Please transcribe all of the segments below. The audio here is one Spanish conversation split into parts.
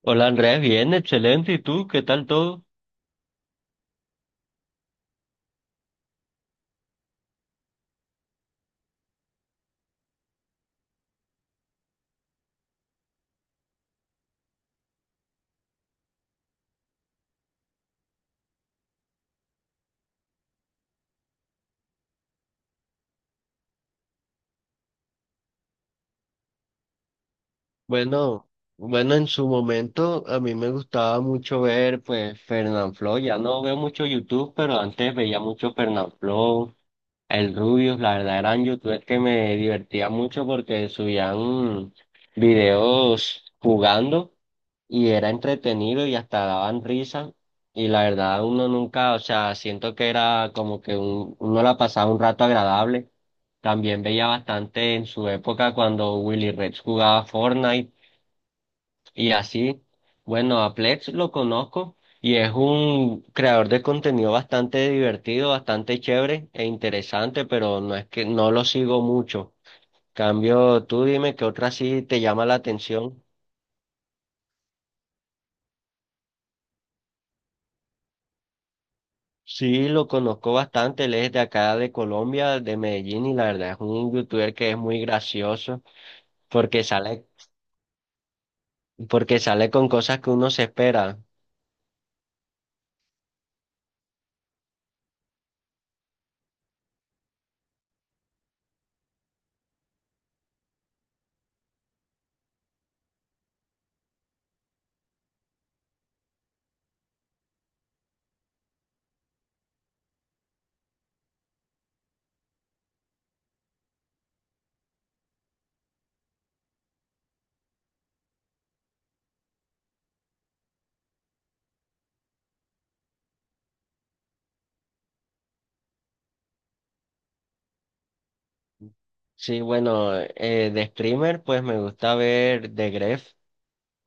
Hola Andrea, bien, excelente. ¿Y tú? ¿Qué tal todo? Bueno, bueno, en su momento a mí me gustaba mucho ver pues Fernanfloo, ya no veo mucho YouTube, pero antes veía mucho Fernanfloo, el Rubius, la verdad eran youtubers que me divertía mucho porque subían videos jugando y era entretenido y hasta daban risa y la verdad uno nunca, o sea, siento que era como que uno la pasaba un rato agradable. También veía bastante en su época cuando Willy Rex jugaba Fortnite y así. Bueno, a Plex lo conozco y es un creador de contenido bastante divertido, bastante chévere e interesante, pero no es que no lo sigo mucho. Cambio, tú dime qué otra sí te llama la atención. Sí, lo conozco bastante, él es de acá de Colombia, de Medellín, y la verdad es un youtuber que es muy gracioso porque sale, porque sale con cosas que uno se espera. Sí, bueno, de streamer, pues me gusta ver The Gref.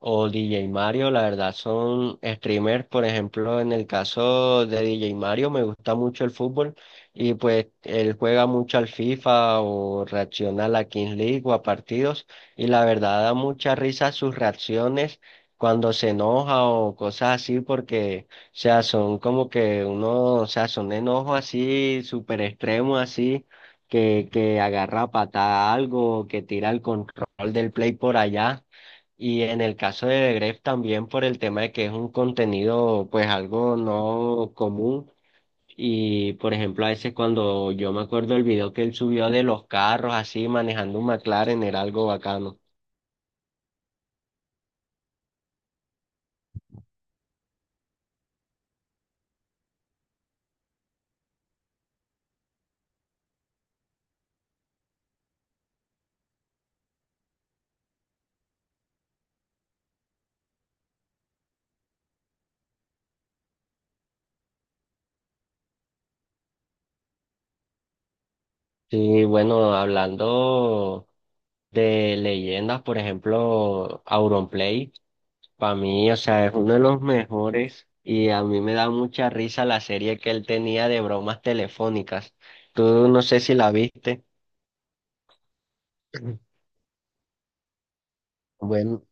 O DJ Mario, la verdad, son streamers. Por ejemplo, en el caso de DJ Mario, me gusta mucho el fútbol y pues él juega mucho al FIFA o reacciona a la Kings League o a partidos. Y la verdad, da mucha risa sus reacciones cuando se enoja o cosas así, porque, o sea, son como que uno, o sea, son enojos así, súper extremos así que agarra a patada algo, que tira el control del play por allá. Y en el caso de Gref también por el tema de que es un contenido pues algo no común y por ejemplo a veces cuando yo me acuerdo el video que él subió de los carros así manejando un McLaren era algo bacano. Sí, bueno, hablando de leyendas, por ejemplo, Auronplay, para mí, o sea, es uno de los mejores y a mí me da mucha risa la serie que él tenía de bromas telefónicas. Tú no sé si la viste. Bueno.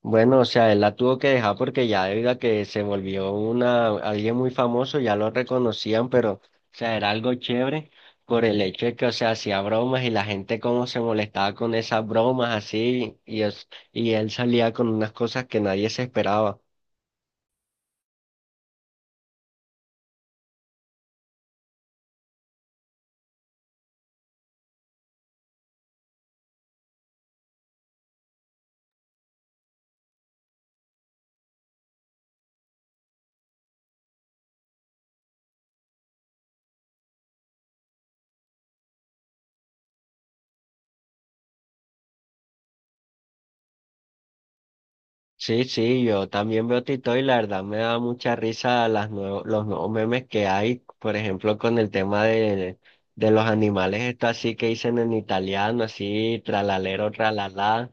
Bueno, o sea, él la tuvo que dejar porque ya debido a que se volvió una, alguien muy famoso, ya lo reconocían, pero, o sea, era algo chévere por el hecho de que, o sea, hacía bromas y la gente como se molestaba con esas bromas así, y, es, y él salía con unas cosas que nadie se esperaba. Sí, sí, yo también veo TikTok y la verdad me da mucha risa las los nuevos memes que hay, por ejemplo, con el tema de los animales, esto así que dicen en italiano, así, tralalero, tralalá.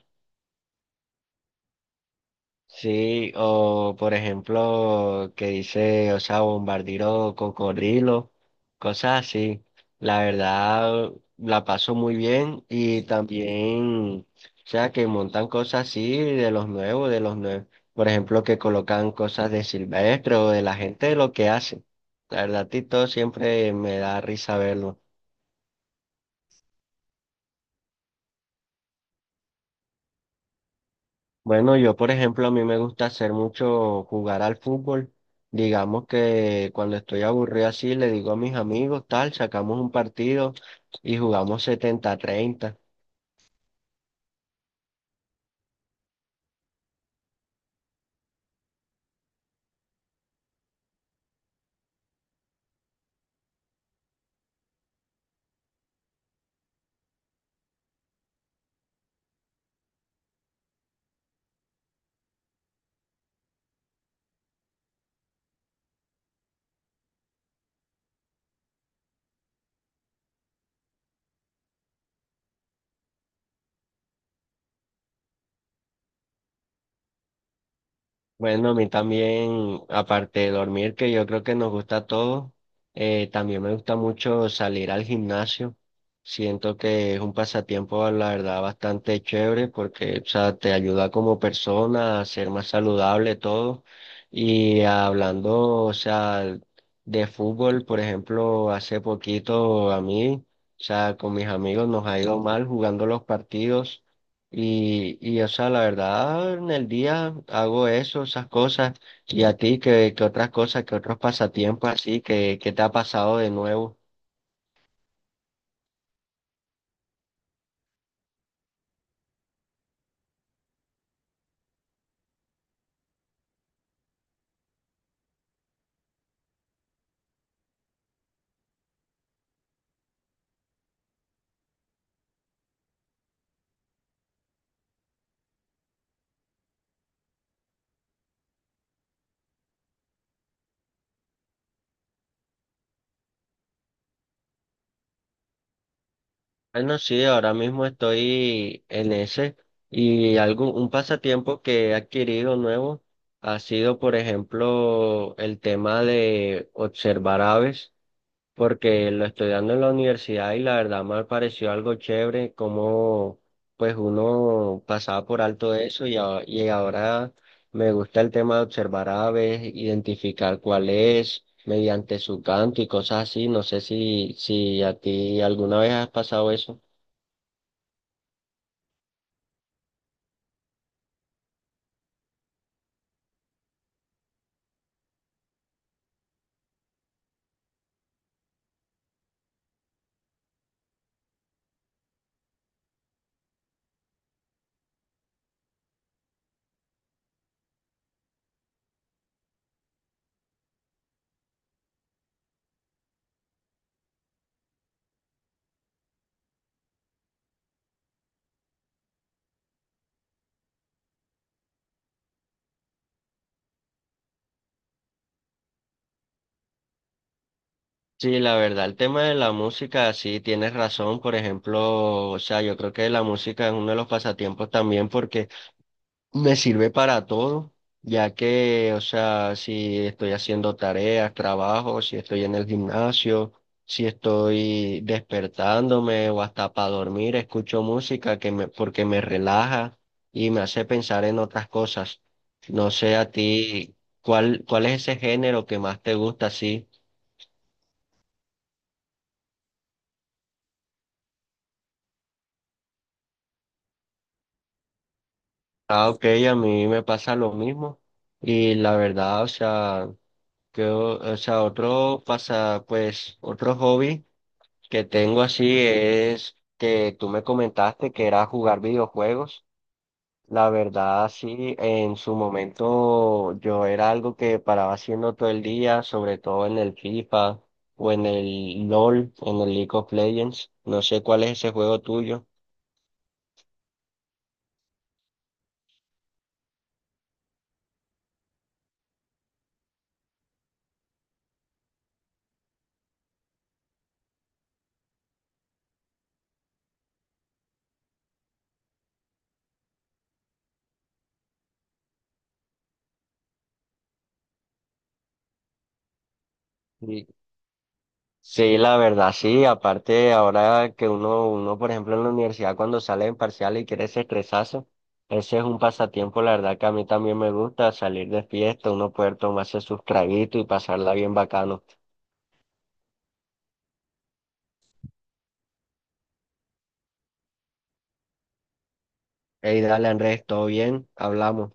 Sí, o por ejemplo, que dice, o sea, bombardiro cocodrilo, cosas así. La verdad, la paso muy bien y también, o sea, que montan cosas así de los nuevos, de los nuevos. Por ejemplo, que colocan cosas de Silvestre o de la gente de lo que hace. La verdad, Tito siempre me da risa verlo. Bueno, yo por ejemplo, a mí me gusta hacer mucho jugar al fútbol. Digamos que cuando estoy aburrido así, le digo a mis amigos, tal, sacamos un partido y jugamos 70 treinta. Bueno, a mí también, aparte de dormir, que yo creo que nos gusta a todos, también me gusta mucho salir al gimnasio. Siento que es un pasatiempo, la verdad, bastante chévere porque, o sea, te ayuda como persona a ser más saludable todo. Y hablando, o sea, de fútbol, por ejemplo, hace poquito a mí, o sea, con mis amigos nos ha ido mal jugando los partidos. O sea, la verdad, en el día hago eso, esas cosas. ¿Y a ti qué, qué otras cosas, qué otros pasatiempos así, que te ha pasado de nuevo? Bueno, sí, ahora mismo estoy en ese. Y algo, un pasatiempo que he adquirido nuevo ha sido, por ejemplo, el tema de observar aves, porque lo estoy dando en la universidad y la verdad me pareció algo chévere como pues uno pasaba por alto eso y, y ahora me gusta el tema de observar aves, identificar cuál es mediante su canto y cosas así. No sé si, si a ti alguna vez has pasado eso. Sí, la verdad, el tema de la música, sí, tienes razón. Por ejemplo, o sea, yo creo que la música es uno de los pasatiempos también porque me sirve para todo, ya que, o sea, si estoy haciendo tareas, trabajo, si estoy en el gimnasio, si estoy despertándome o hasta para dormir, escucho música que me, porque me relaja y me hace pensar en otras cosas. No sé a ti, ¿cuál, cuál es ese género que más te gusta así? Ah, ok, a mí me pasa lo mismo. Y la verdad, o sea, que, o sea, otro pasa, pues, otro hobby que tengo así es que tú me comentaste que era jugar videojuegos. La verdad, sí, en su momento yo era algo que paraba haciendo todo el día, sobre todo en el FIFA o en el LOL, en el League of Legends. No sé cuál es ese juego tuyo. Sí, la verdad, sí. Aparte, ahora que uno, por ejemplo, en la universidad cuando sale en parcial y quiere ese estresazo, ese es un pasatiempo, la verdad que a mí también me gusta salir de fiesta, uno poder tomarse sus traguitos y pasarla bien bacano. Ey, dale, Andrés, todo bien, hablamos.